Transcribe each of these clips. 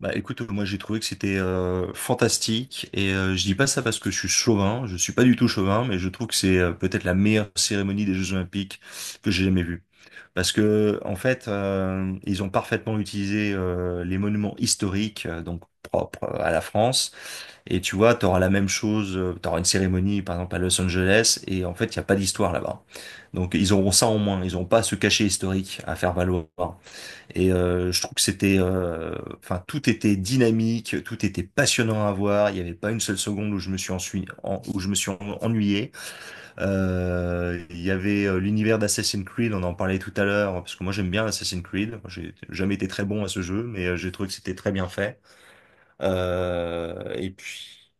Bah écoute, moi j'ai trouvé que c'était fantastique et je dis pas ça parce que je suis chauvin, je suis pas du tout chauvin, mais je trouve que c'est peut-être la meilleure cérémonie des Jeux Olympiques que j'ai jamais vue. Parce que en fait, ils ont parfaitement utilisé les monuments historiques donc propres à la France et tu vois, t'auras la même chose, t'auras une cérémonie par exemple à Los Angeles et en fait, il y a pas d'histoire là-bas. Donc ils auront ça en moins, ils n'auront pas ce cachet historique à faire valoir. Et je trouve que c'était, enfin, tout était dynamique, tout était passionnant à voir. Il n'y avait pas une seule seconde où je me suis ennuyé. Il y avait l'univers d'Assassin's Creed, on en parlait tout à l'heure, parce que moi j'aime bien Assassin's Creed. J'ai jamais été très bon à ce jeu, mais j'ai trouvé que c'était très bien fait. Et puis,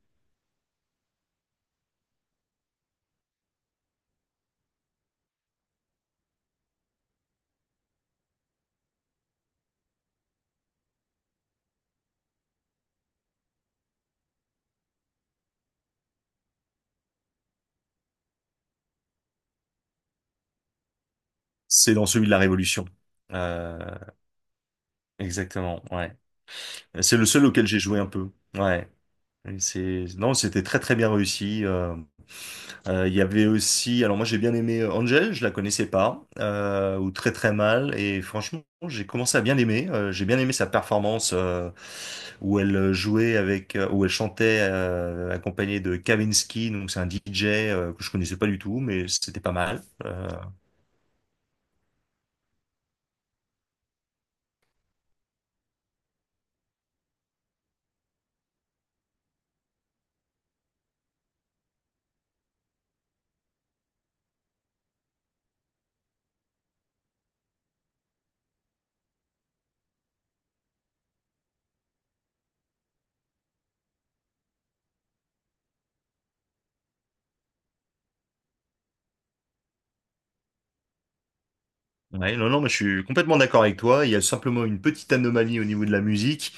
c'est dans celui de la Révolution. Euh, Exactement, ouais. C'est le seul auquel j'ai joué un peu. Ouais. Et non, c'était très très bien réussi. Il y avait aussi, alors moi j'ai bien aimé Angel, je la connaissais pas, ou très très mal, et franchement j'ai commencé à bien l'aimer. J'ai bien aimé sa performance où elle chantait accompagnée de Kavinsky, donc c'est un DJ que je connaissais pas du tout, mais c'était pas mal. Ouais, non non, mais je suis complètement d'accord avec toi. Il y a simplement une petite anomalie au niveau de la musique.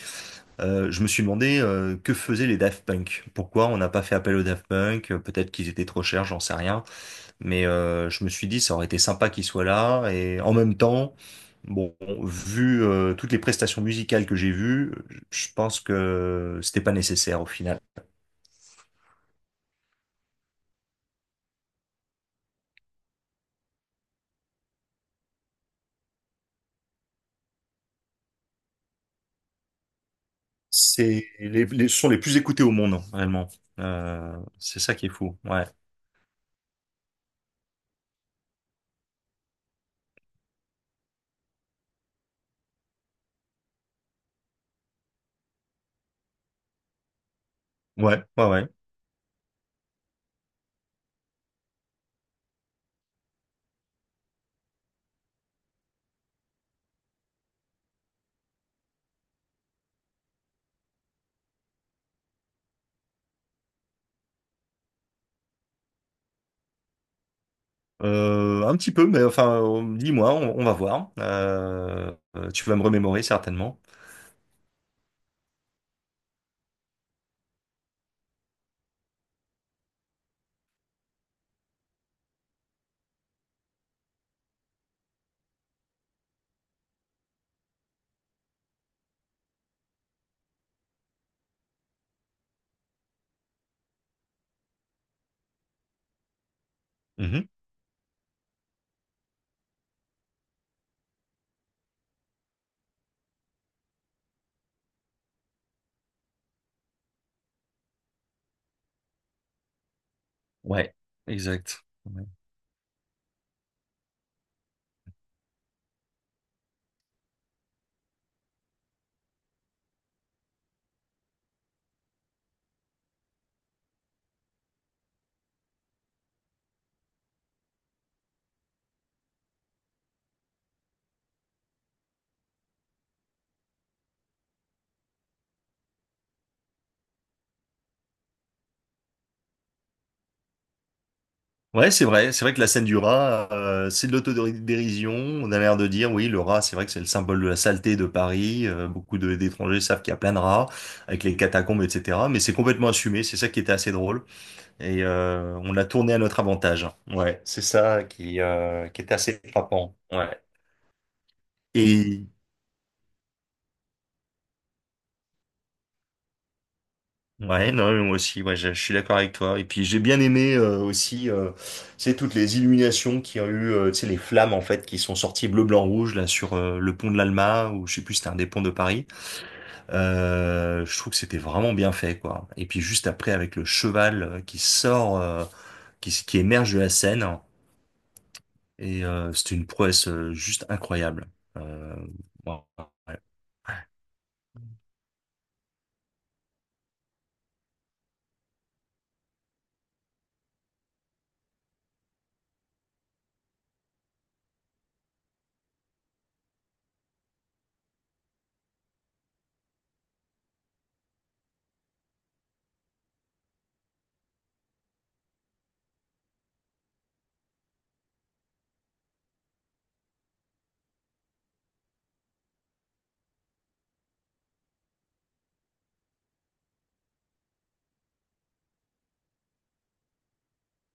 Je me suis demandé que faisaient les Daft Punk. Pourquoi on n'a pas fait appel aux Daft Punk? Peut-être qu'ils étaient trop chers, j'en sais rien. Mais je me suis dit, ça aurait été sympa qu'il soit là. Et en même temps, bon, vu toutes les prestations musicales que j'ai vues, je pense que c'était pas nécessaire au final. C'est les sont les plus écoutés au monde, réellement. C'est ça qui est fou. Ouais, ouais, ouais, ouais. Un petit peu, mais enfin, dis-moi, on va voir. Tu vas me remémorer certainement. Mhm. Ouais, exact. Ouais, c'est vrai. C'est vrai que la scène du rat, c'est de l'autodérision. On a l'air de dire, oui, le rat, c'est vrai que c'est le symbole de la saleté de Paris. Beaucoup d'étrangers savent qu'il y a plein de rats, avec les catacombes, etc. Mais c'est complètement assumé. C'est ça qui était assez drôle. Et on l'a tourné à notre avantage. Ouais, c'est ça qui était assez frappant. Ouais. Et Ouais, non, mais moi aussi, ouais, je suis d'accord avec toi. Et puis j'ai bien aimé aussi, c'est toutes les illuminations qu'il y a eu, tu sais, les flammes en fait qui sont sorties bleu, blanc, rouge là sur le pont de l'Alma ou je sais plus, si c'était un des ponts de Paris. Je trouve que c'était vraiment bien fait, quoi. Et puis juste après avec le cheval qui sort, qui, s- qui émerge de la scène, et c'était une prouesse juste incroyable. Euh, ouais, ouais.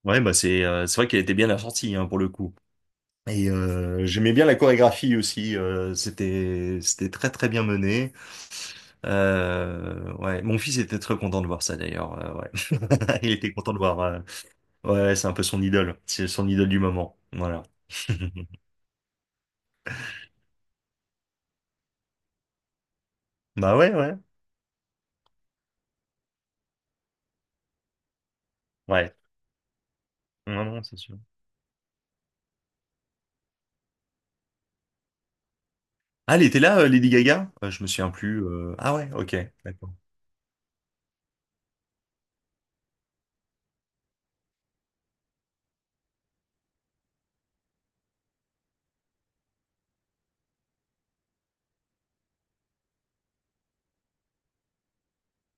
Ouais, bah c'est vrai qu'elle était bien assortie hein, pour le coup. Et j'aimais bien la chorégraphie aussi. C'était très très bien mené. Ouais, mon fils était très content de voir ça d'ailleurs. Ouais, il était content de voir. Ouais, c'est un peu son idole. C'est son idole du moment. Voilà. Bah ouais, ouais, ouais. Non, non, c'est sûr. Ah, elle était là, Lady Gaga? Je me souviens plus. Ah ouais, OK, d'accord.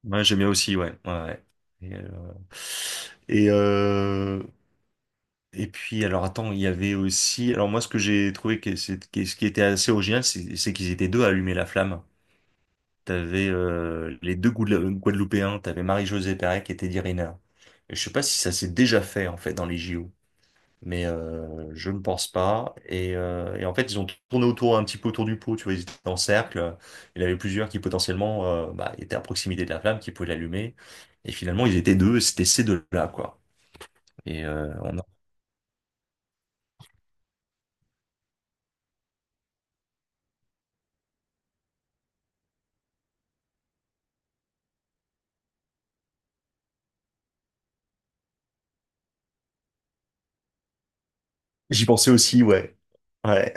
Ouais, j'aimais aussi, ouais, ouais. Ouais. Et, euh, et, euh, Et puis, alors attends, il y avait aussi. Alors, moi, ce que j'ai trouvé, que ce qui était assez original, c'est qu'ils étaient deux à allumer la flamme. T'avais les deux Guadeloupéens, t'avais Marie-Josée Pérec et Teddy Riner. Et je sais pas si ça s'est déjà fait, en fait, dans les JO, mais je ne pense pas. Et en fait, ils ont tourné autour, un petit peu autour du pot, tu vois, ils étaient en cercle. Il y en avait plusieurs qui potentiellement bah, étaient à proximité de la flamme, qui pouvaient l'allumer. Et finalement, ils étaient deux, et c'était ces deux-là, quoi. Et euh, on a- J'y pensais aussi, ouais. Ouais.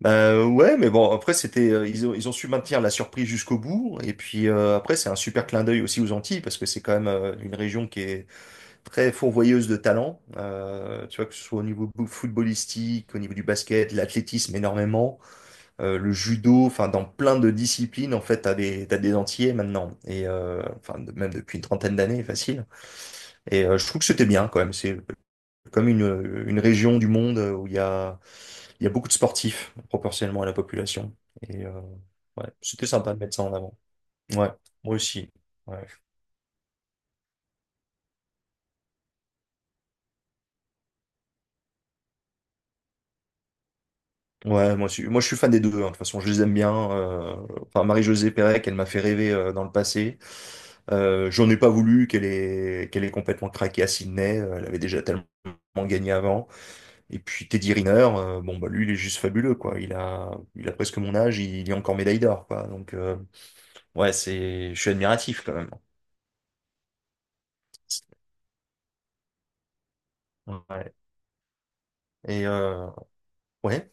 Ben ouais, mais bon, après ils ont su maintenir la surprise jusqu'au bout, et puis après c'est un super clin d'œil aussi aux Antilles parce que c'est quand même une région qui est très fourvoyeuse de talents, tu vois que ce soit au niveau footballistique, au niveau du basket, l'athlétisme énormément, le judo, enfin dans plein de disciplines en fait t'as des Antillais maintenant, et enfin même depuis une trentaine d'années facile, et je trouve que c'était bien quand même, c'est comme une région du monde où il y a beaucoup de sportifs proportionnellement à la population. Et ouais, c'était sympa de mettre ça en avant. Ouais, moi aussi. Ouais, Ouais, moi, aussi. Moi, je suis fan des deux, hein. De toute façon, je les aime bien. Enfin, Marie-Josée Pérec, elle m'a fait rêver dans le passé. J'en ai pas voulu qu'elle ait complètement craqué à Sydney. Elle avait déjà tellement gagné avant. Et puis Teddy Riner, bon, bah, lui, il est juste fabuleux, quoi. Il a presque mon âge, il est encore médaille d'or, quoi. Donc, ouais, je suis admiratif quand même. Ouais. Et ouais,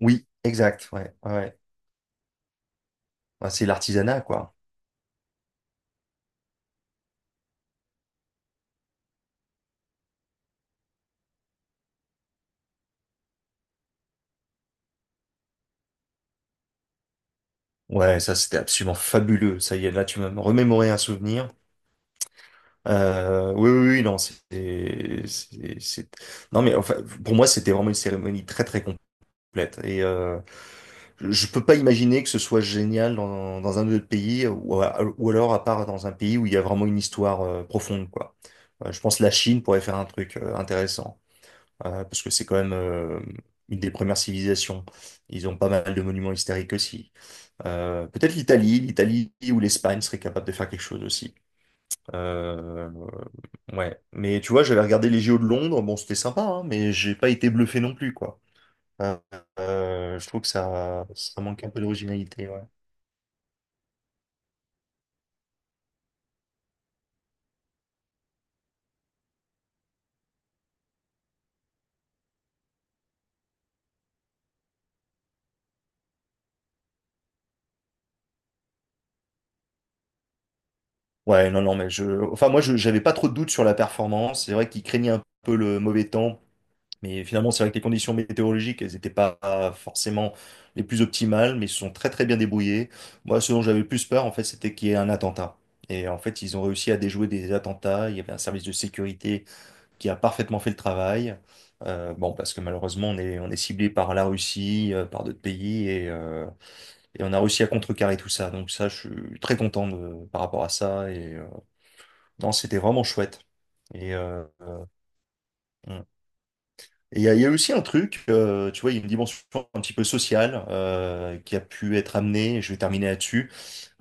oui, exact. Ouais, ouais. Ouais. Ouais, c'est l'artisanat, quoi. Ouais, ça c'était absolument fabuleux. Ça y est, là tu m'as remémoré un souvenir. Oui, oui, oui, non, c'est, c'est- non mais enfin, pour moi c'était vraiment une cérémonie très très complète. Et je peux pas imaginer que ce soit génial dans un autre pays ou, ou alors à part dans un pays où il y a vraiment une histoire profonde, quoi. Je pense que la Chine pourrait faire un truc intéressant. Parce que c'est quand même une des premières civilisations. Ils ont pas mal de monuments historiques aussi. Peut-être l'Italie, ou l'Espagne seraient capables de faire quelque chose aussi. Euh, ouais, mais tu vois, j'avais regardé les JO de Londres, bon, c'était sympa, hein, mais j'ai pas été bluffé non plus, quoi. Euh, je trouve que ça manque un peu d'originalité, ouais. Ouais, non, non, mais je, enfin, moi, je, j'avais pas trop de doutes sur la performance. C'est vrai qu'ils craignaient un peu le mauvais temps. Mais finalement, c'est vrai que les conditions météorologiques, elles n'étaient pas forcément les plus optimales, mais ils se sont très très bien débrouillés. Moi, ce dont j'avais le plus peur, en fait, c'était qu'il y ait un attentat. Et en fait, ils ont réussi à déjouer des attentats. Il y avait un service de sécurité qui a parfaitement fait le travail. Bon, parce que malheureusement, on est ciblé par la Russie, par d'autres pays, et on a réussi à contrecarrer tout ça. Donc ça, je suis très content par rapport à ça. Et non, c'était vraiment chouette. Et euh, il y a aussi un truc, tu vois, il y a une dimension un petit peu sociale qui a pu être amenée, et je vais terminer là-dessus.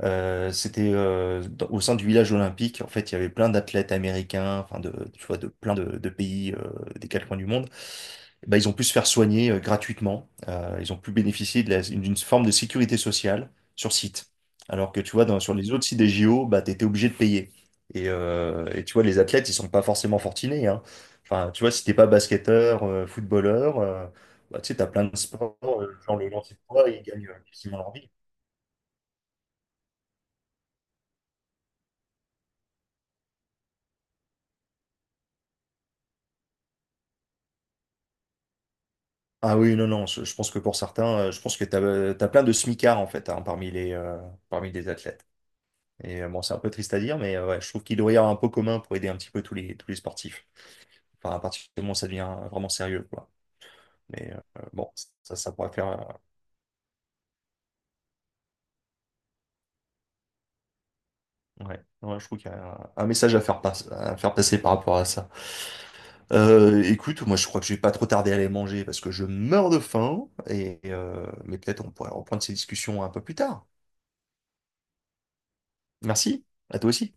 C'était au sein du village olympique, en fait, il y avait plein d'athlètes américains, enfin, de, tu vois, de plein de pays des quatre coins du monde bah, ils ont pu se faire soigner gratuitement. Ils ont pu bénéficier d'une forme de sécurité sociale sur site. Alors que tu vois, sur les autres sites des JO, bah, tu étais obligé de payer. Et tu vois, les athlètes, ils sont pas forcément fortunés, hein. Enfin, tu vois, si t'es pas basketteur, footballeur, bah, tu sais, t'as plein de sports, genre le lancer de poids, ils gagnent quasiment leur vie. Ah oui, non, non, je pense que pour certains, je pense que t'as, as plein de smicards, en fait, hein, parmi les athlètes. Et bon, c'est un peu triste à dire, mais ouais, je trouve qu'il doit y avoir un pot commun pour aider un petit peu tous les sportifs. Enfin, à partir du moment où ça devient vraiment sérieux, quoi. Mais bon, ça pourrait faire. Ouais, Ouais, je trouve qu'il y a un message à faire passer par rapport à ça. Écoute, moi, je crois que je vais pas trop tarder à aller manger parce que je meurs de faim. Mais peut-être on pourrait reprendre ces discussions un peu plus tard. Merci, à toi aussi.